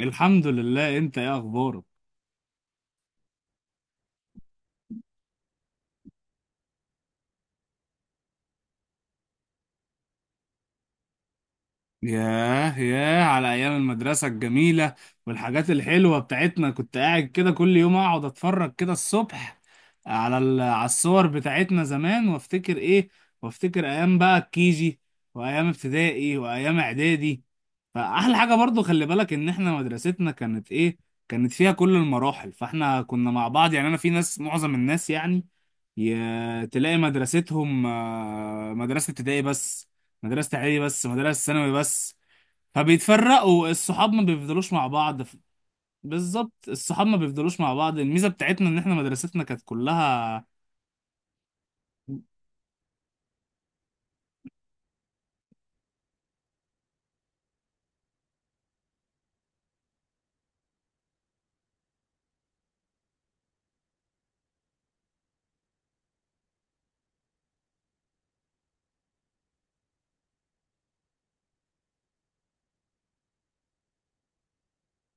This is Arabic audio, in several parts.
الحمد لله. انت ايه اخبارك؟ ياه ياه، على ايام المدرسه الجميله والحاجات الحلوه بتاعتنا. كنت قاعد كده كل يوم، اقعد اتفرج كده الصبح على الصور بتاعتنا زمان، وافتكر ايه، وافتكر ايام بقى الكيجي وايام ابتدائي وايام اعدادي. فاحلى حاجه برضو، خلي بالك ان احنا مدرستنا كانت ايه، كانت فيها كل المراحل. فاحنا كنا مع بعض. يعني انا في ناس، معظم الناس يعني تلاقي مدرستهم، مدرسة ابتدائي بس، مدرسة اعدادي بس، مدرسة ثانوي بس. فبيتفرقوا الصحاب، ما بيفضلوش مع بعض. بالظبط، الصحاب ما بيفضلوش مع بعض. الميزة بتاعتنا ان احنا مدرستنا كانت كلها.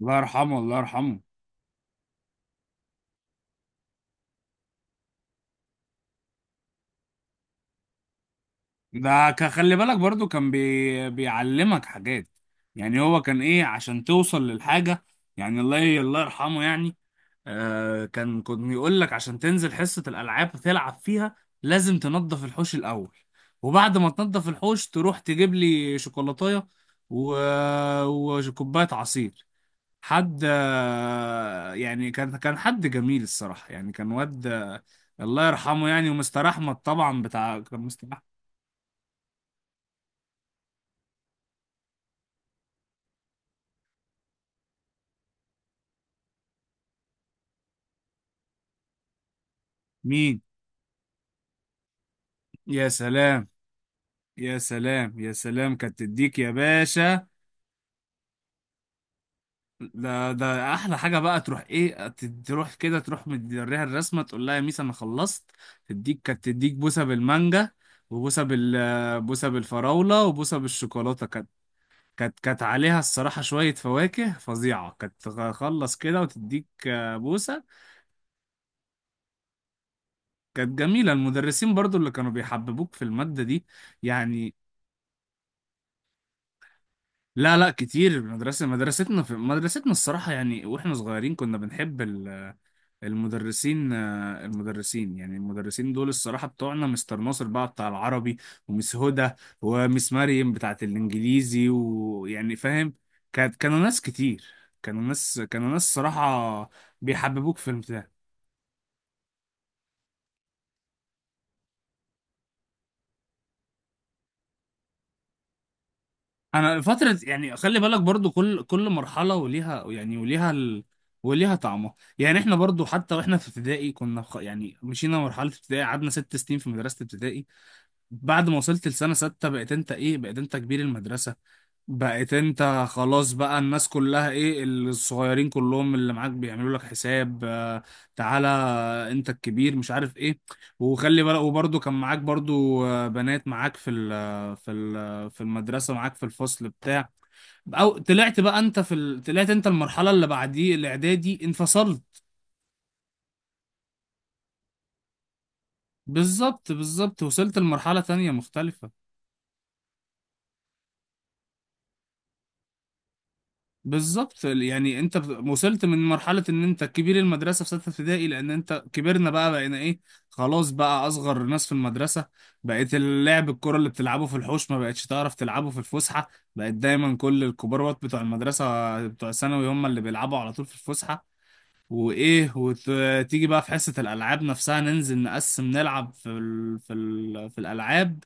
الله يرحمه، الله يرحمه. ده خلي بالك برضو، كان بيعلمك حاجات. يعني هو كان ايه عشان توصل للحاجة يعني. الله، الله يرحمه يعني. كان يقول لك عشان تنزل حصة الألعاب تلعب فيها، لازم تنظف الحوش الأول، وبعد ما تنظف الحوش تروح تجيب لي شوكولاتاية و... وكوباية عصير. حد، يعني كان حد جميل الصراحة. يعني كان واد. الله يرحمه يعني. ومستر أحمد طبعا، بتاع كان مستر أحمد. مين؟ يا سلام، يا سلام، يا سلام، كانت تديك يا باشا. ده احلى حاجه، بقى تروح ايه، تروح كده، تروح مديها الرسمه، تقول لها يا ميس انا خلصت، تديك. كانت تديك بوسه بالمانجا، وبوسه بوسه بالفراوله، وبوسه بالشوكولاته. كانت كانت عليها الصراحه شويه فواكه فظيعه، كانت تخلص كده وتديك، بوسه. كانت جميله المدرسين برضو اللي كانوا بيحببوك في الماده دي. يعني لا، لا، كتير. المدرسه، مدرستنا، في مدرستنا الصراحه يعني واحنا صغيرين كنا بنحب المدرسين، المدرسين، يعني المدرسين دول الصراحة بتوعنا مستر ناصر بقى بتاع العربي، ومس هدى، ومس مريم بتاعة الإنجليزي، ويعني فاهم. كانت، كانوا ناس كتير، كانوا ناس صراحة بيحببوك في الامتحان. أنا فترة يعني، خلي بالك برضو، كل مرحلة وليها، يعني وليها وليها طعمها. يعني احنا برضو حتى واحنا في ابتدائي، كنا يعني مشينا مرحلة ابتدائي، قعدنا 6 سنين في مدرسة ابتدائي. بعد ما وصلت لسنة 6، بقيت انت ايه، بقيت انت كبير المدرسة. بقيت انت خلاص بقى، الناس كلها ايه، الصغيرين كلهم اللي معاك بيعملوا لك حساب. تعالى، انت الكبير، مش عارف ايه. وخلي بالك، وبرده كان معاك برضو، بنات معاك في المدرسة، معاك في الفصل بتاع. او طلعت بقى انت طلعت انت المرحلة اللي بعديه الاعدادي، انفصلت. بالظبط، بالظبط، وصلت لمرحلة تانية مختلفة. بالظبط، يعني انت وصلت من مرحلة ان انت كبير المدرسة في 6 ابتدائي، لان انت، كبرنا بقى، بقينا ايه، خلاص بقى اصغر ناس في المدرسة. بقيت اللعب، الكرة اللي بتلعبه في الحوش ما بقتش تعرف تلعبه في الفسحة. بقت دايما كل الكبار وات بتوع المدرسة بتوع الثانوي هم اللي بيلعبوا على طول في الفسحة. وايه، وتيجي بقى في حصة الالعاب نفسها، ننزل نقسم نلعب في الالعاب.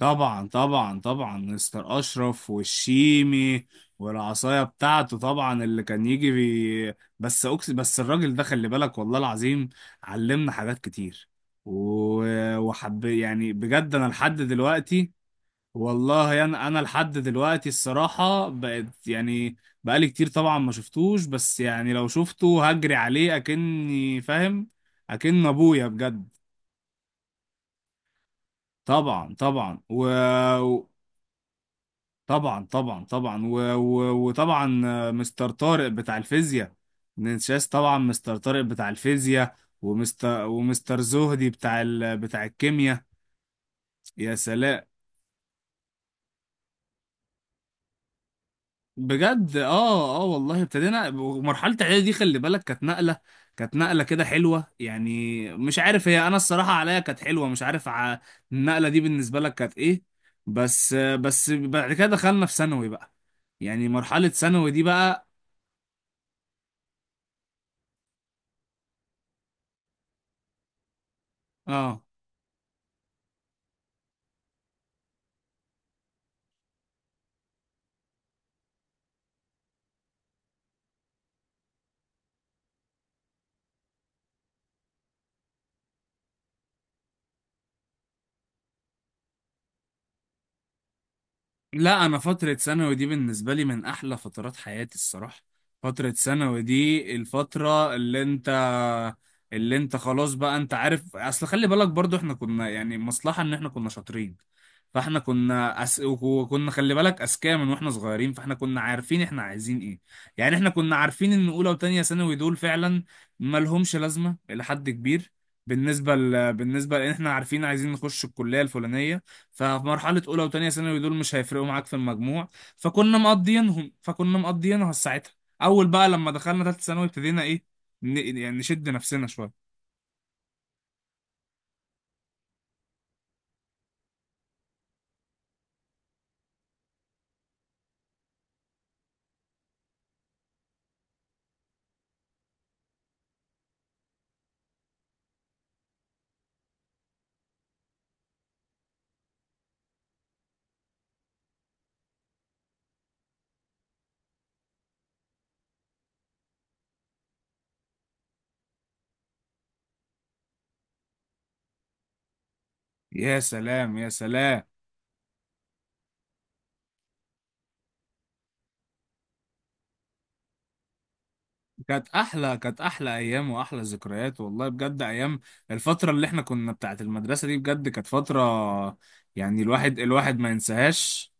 طبعا، طبعا، طبعا، مستر اشرف والشيمي، والعصايه بتاعته طبعا، اللي كان يجي بس الراجل ده، خلي بالك، والله العظيم علمنا حاجات كتير، و... وحب يعني بجد. انا لحد دلوقتي، والله انا لحد دلوقتي الصراحه بقت يعني بقالي كتير طبعا ما شفتوش، بس يعني لو شفته هجري عليه اكني فاهم، اكن ابويا بجد. طبعا، طبعا، طبعا، طبعا، طبعا، وطبعا، مستر طارق بتاع الفيزياء. ننساش طبعا مستر طارق بتاع الفيزياء. ومستر زهدي بتاع بتاع الكيمياء. يا سلام، بجد. اه، اه، والله ابتدينا. ومرحلة اعدادي دي، خلي بالك، كانت نقلة كده حلوة، يعني مش عارف، هي انا الصراحة عليا كانت حلوة، مش عارف النقلة دي بالنسبة لك كانت ايه؟ بس بعد كده دخلنا في ثانوي بقى، يعني مرحلة ثانوي دي بقى. اه، لا، انا فتره ثانوي دي بالنسبه لي من احلى فترات حياتي الصراحه. فتره ثانوي دي الفتره، اللي انت خلاص بقى، انت عارف، اصل خلي بالك برضو احنا كنا يعني مصلحه ان احنا كنا شاطرين. فاحنا كنا وكنا خلي بالك اذكياء من واحنا صغيرين، فاحنا كنا عارفين احنا عايزين ايه. يعني احنا كنا عارفين ان اولى وتانية ثانوي دول فعلا مالهمش لازمه الى حد كبير. بالنسبه لان احنا عارفين عايزين نخش الكليه الفلانيه، ففي مرحلة أولى وتانية ثانوي دول مش هيفرقوا معاك في المجموع. فكنا مقضيينهم، فكنا مقضيينها ساعتها. أول بقى لما دخلنا تالتة ثانوي، ابتدينا إيه، يعني نشد نفسنا شوية. يا سلام، يا سلام. كانت أحلى أيام وأحلى ذكريات والله، بجد أيام الفترة اللي إحنا كنا بتاعت المدرسة دي، بجد كانت فترة. يعني الواحد ما ينساهاش.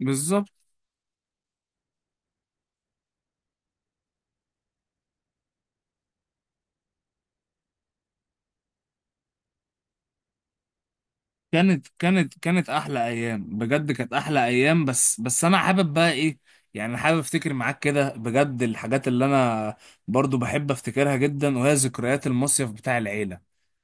بالظبط. كانت احلى ايام، بجد كانت احلى ايام. بس انا حابب بقى ايه، يعني حابب افتكر معاك كده بجد الحاجات اللي انا برضو بحب افتكرها جدا، وهي ذكريات المصيف بتاع العيله.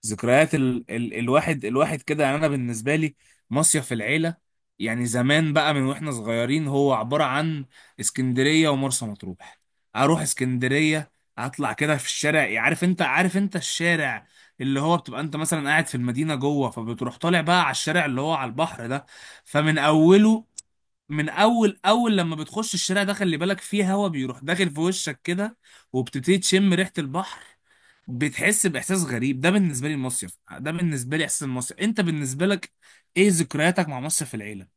ذكريات ال ال الواحد كده، يعني انا بالنسبه لي مصيف العيله، يعني زمان بقى من واحنا صغيرين هو عباره عن اسكندريه ومرسى مطروح. اروح اسكندريه، اطلع كده في الشارع، عارف انت الشارع، اللي هو بتبقى انت مثلا قاعد في المدينه جوه، فبتروح طالع بقى على الشارع اللي هو على البحر ده. فمن اوله من اول اول لما بتخش الشارع ده، خلي بالك، فيه هوا بيروح داخل في وشك كده، وبتبتدي تشم ريحه البحر، بتحس باحساس غريب. ده بالنسبه لي المصيف، ده بالنسبه لي احساس المصيف. انت بالنسبه لك، ايه ذكرياتك مع مصيف العيله؟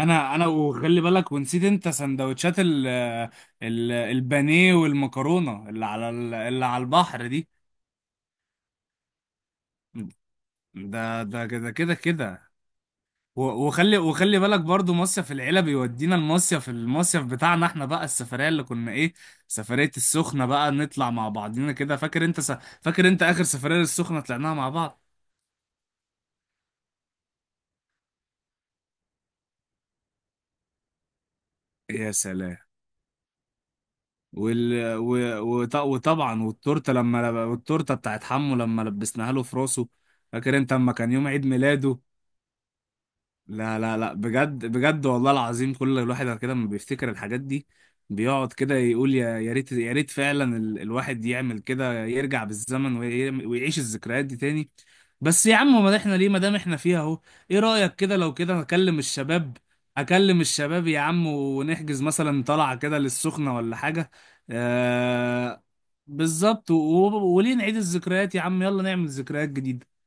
انا وخلي بالك، ونسيت انت سندوتشات ال ال البانيه والمكرونه اللي اللي على البحر دي. ده، ده، كده كده كده. وخلي بالك برضو، مصيف العيلة بيودينا المصيف بتاعنا احنا بقى، السفرية اللي كنا ايه، سفرية السخنة بقى، نطلع مع بعضينا كده. فاكر انت فاكر انت اخر سفرية للسخنة طلعناها مع بعض. يا سلام. وطبعا والتورتة لما، والتورتة بتاعت حمو لما لبسناها له في راسه، فاكر انت اما كان يوم عيد ميلاده. لا، لا، لا، بجد، بجد، والله العظيم، كل الواحد كده لما بيفتكر الحاجات دي، بيقعد كده يقول، يا ريت، يا ريت فعلا الواحد يعمل كده، يرجع بالزمن ويعيش الذكريات دي تاني. بس يا عم، ما احنا ليه، ما دام احنا فيها اهو. ايه رأيك كده، لو كده اكلم الشباب، يا عم، ونحجز مثلا طلعة كده للسخنة ولا حاجة. آه، بالظبط، وليه نعيد الذكريات يا عم، يلا نعمل ذكريات جديدة.